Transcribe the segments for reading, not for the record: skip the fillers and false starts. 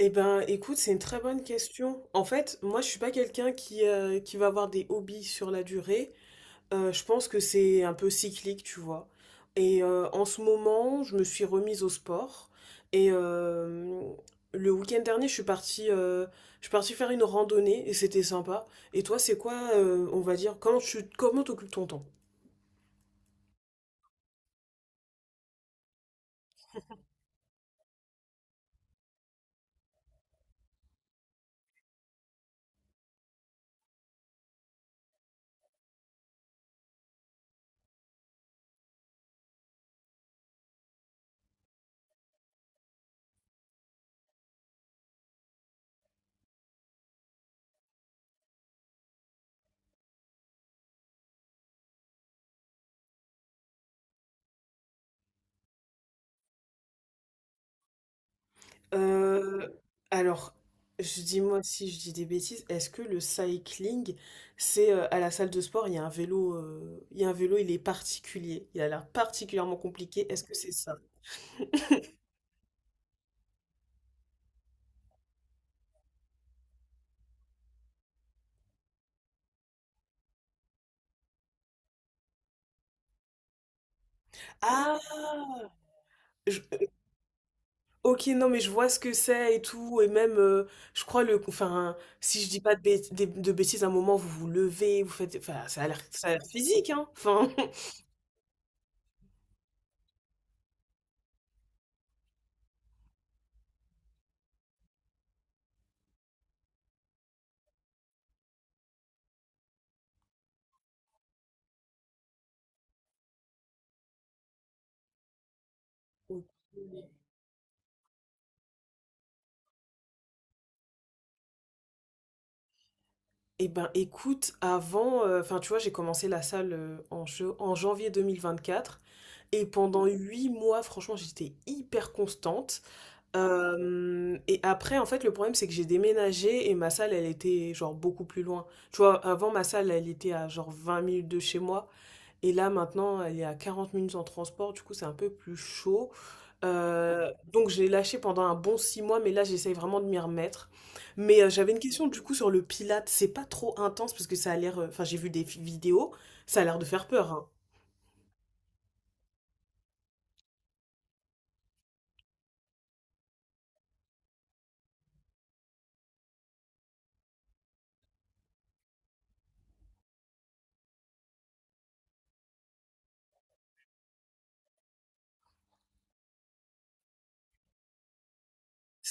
Eh ben, écoute, c'est une très bonne question. En fait, moi, je suis pas quelqu'un qui va avoir des hobbies sur la durée. Je pense que c'est un peu cyclique, tu vois. Et en ce moment, je me suis remise au sport. Et le week-end dernier, je suis partie faire une randonnée et c'était sympa. Et toi, c'est quoi, on va dire, comment t'occupes ton temps? Euh, alors, je dis-moi si je dis des bêtises. Est-ce que le cycling, c'est à la salle de sport, il y a un vélo, il y a un vélo, il est particulier, il a l'air particulièrement compliqué, est-ce que c'est ça? Ah, je- euh, ok. Non, mais je vois ce que c'est et tout, et même, je crois enfin, si je dis pas de bêtises, à un moment vous vous levez, vous faites, enfin, ça a l'air physique, hein, enfin. Ok. Eh ben, écoute, avant, enfin, tu vois, j'ai commencé la salle, en janvier quatre, et pendant 8 mois, franchement, j'étais hyper constante. Hem et après, en fait, le problème, c'est que j'ai déménagé et ma salle, elle était, genre, beaucoup plus loin. Tu vois, avant, ma salle, elle était à, genre, 20 minutes de chez moi, et là, maintenant, elle est à 40 minutes en transport. Du coup, c'est un peu plus chaud, donc j'ai lâché pendant un bon 6 mois, mais là j'essaye vraiment de m'y remettre. Mais j'avais une question du coup sur le Pilate. C'est pas trop intense parce que ça a l'air... Enfin, j'ai vu des vidéos, ça a l'air de faire peur, hein.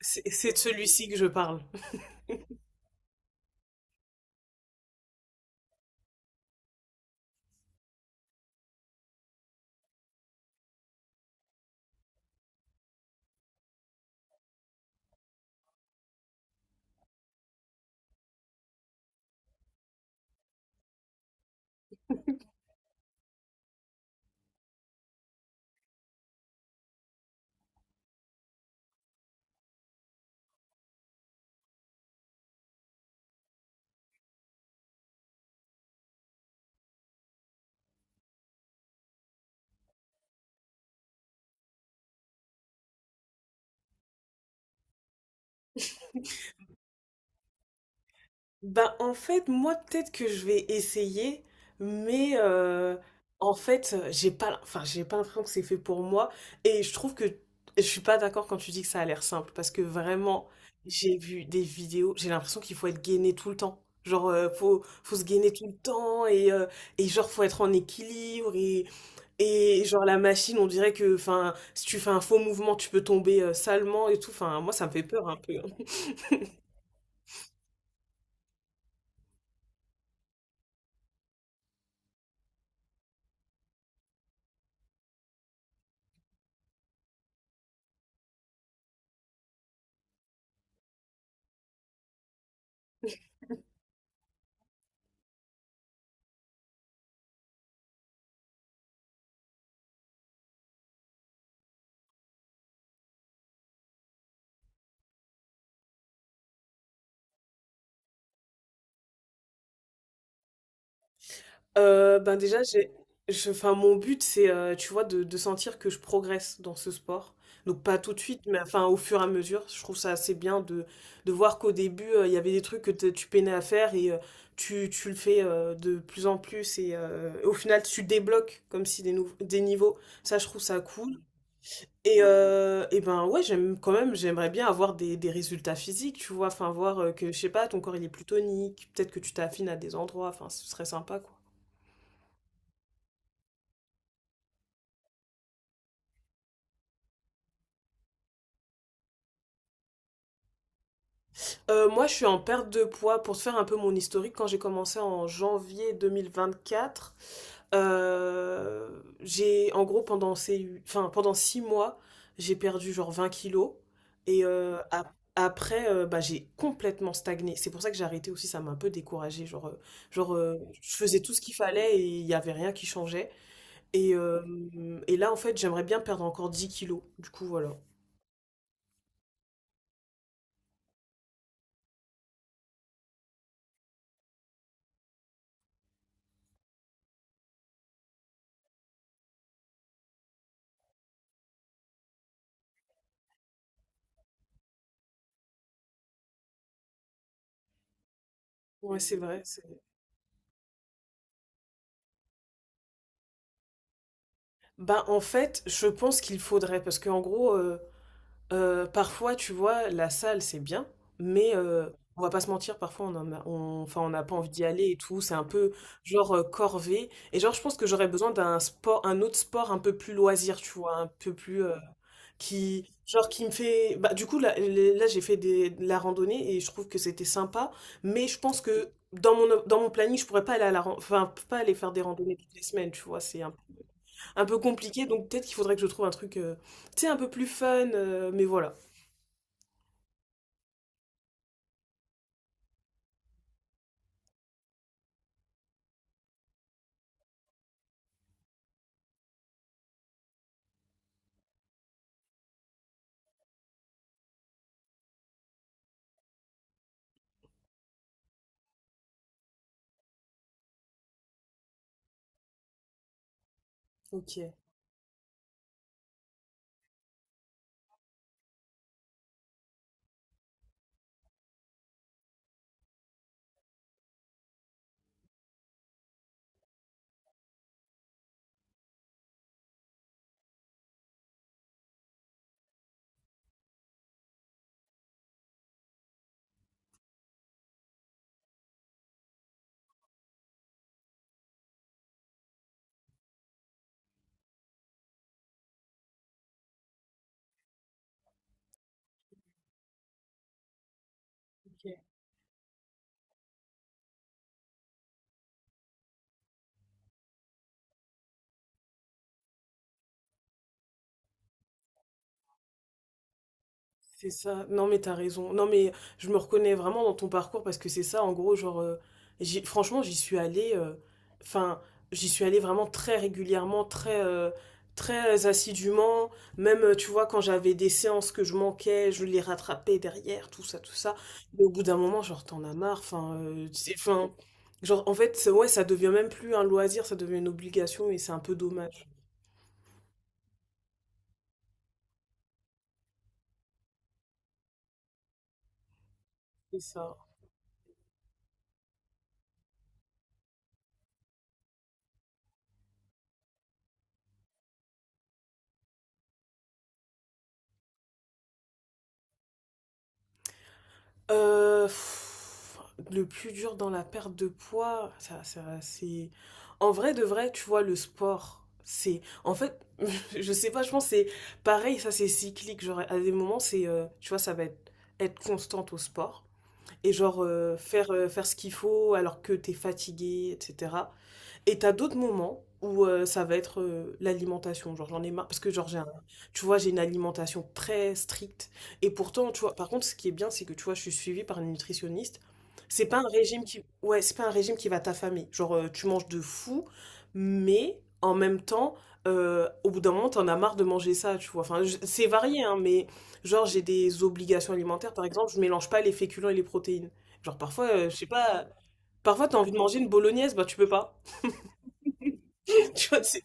c'est de celui-ci que je parle. Bah, en fait, moi, peut-être que je vais essayer, mais en fait, j'ai pas, enfin, j'ai pas l'impression que c'est fait pour moi. Et je trouve que je suis pas d'accord quand tu dis que ça a l'air simple, parce que vraiment, j'ai vu des vidéos, j'ai l'impression qu'il faut être gainé tout le temps. Genre, faut se gainer tout le temps, et genre, faut être en équilibre, et genre, la machine, on dirait que, enfin, si tu fais un faux mouvement, tu peux tomber salement et tout. Enfin, moi, ça me fait peur un peu, hein. Ben, déjà, j'ai je enfin, mon but, c'est, tu vois, de sentir que je progresse dans ce sport. Donc pas tout de suite, mais enfin, au fur et à mesure. Je trouve ça assez bien de voir qu'au début, il y avait des trucs que te tu peinais à faire, et tu le fais, de plus en plus, et au final, tu débloques comme si des niveaux. Ça, je trouve ça cool. Et ben ouais, j'aime quand même, j'aimerais bien avoir des résultats physiques, tu vois, enfin voir que, je sais pas, ton corps il est plus tonique, peut-être que tu t'affines à des endroits, enfin ce serait sympa quoi. Moi, je suis en perte de poids. Pour se faire un peu mon historique, quand j'ai commencé en janvier 2024, euh, j'ai, en gros, enfin, pendant 6 mois, j'ai perdu genre 20 kilos. Après, bah, j'ai complètement stagné. C'est pour ça que j'ai arrêté aussi, ça m'a un peu découragée. Genre, je faisais tout ce qu'il fallait et il n'y avait rien qui changeait. Et, euh, et là, en fait, j'aimerais bien perdre encore 10 kilos. Du coup, voilà. Ouais, c'est vrai. Ben en fait, je pense qu'il faudrait, parce qu'en gros, parfois, tu vois, la salle, c'est bien, mais on va pas se mentir, parfois, on en on, enfin, on n'a pas envie d'y aller et tout, c'est un peu genre, corvée. Et genre, je pense que j'aurais besoin d'un sport, un autre sport un peu plus loisir, tu vois, un peu plus, qui, genre, qui me fait... Bah, du coup, là j'ai fait de la randonnée et je trouve que c'était sympa, mais je pense que dans mon planning, je pourrais pas aller enfin, pas aller faire des randonnées toutes les semaines, tu vois, c'est un peu compliqué, donc peut-être qu'il faudrait que je trouve un truc, tu sais, un peu plus fun, mais voilà. Ok. Ok. C'est ça. Non, mais t'as raison. Non, mais je me reconnais vraiment dans ton parcours parce que c'est ça, en gros, genre, franchement, enfin, j'y suis allée vraiment très régulièrement, très assidûment. Même, tu vois, quand j'avais des séances que je manquais, je les rattrapais derrière, tout ça, tout ça. Mais au bout d'un moment, genre, t'en as marre. Enfin, enfin, genre, en fait, ouais, ça devient même plus un loisir, ça devient une obligation et c'est un peu dommage. C'est ça. Heu, le plus dur dans la perte de poids, ça c'est en vrai de vrai, tu vois, le sport, c'est en fait, je sais pas, je pense que c'est pareil, ça c'est cyclique, genre à des moments c'est, tu vois, ça va être constante au sport, et genre, faire ce qu'il faut alors que t'es fatigué, fatiguée et cetera. Et t'as d'autres moments où, ça va être, l'alimentation. Genre, j'en ai marre parce que genre j'ai un tu vois, j'ai une alimentation très stricte, et pourtant, tu vois, par contre, ce qui est bien, c'est que, tu vois, je suis suivie par une nutritionniste. C'est pas un régime qui ouais, c'est pas un régime qui va t'affamer. Genre, tu manges de fou, mais en même temps, au bout d'un moment, t'en as marre de manger ça, tu vois? Enfin, je c'est varié, hein, mais genre, j'ai des obligations alimentaires. Par exemple, je mélange pas les féculents et les protéines. Genre, parfois, je sais pas, parfois, t'as envie de manger une bolognaise, bah, tu peux pas. Tu vois, c'est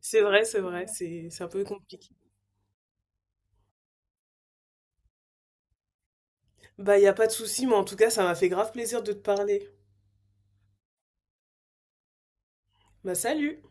c'est vrai, c'est vrai, c'est un peu compliqué. Bah, il a pas de souci, mais en tout cas, ça m'a fait grave plaisir de te parler. Bah, salut!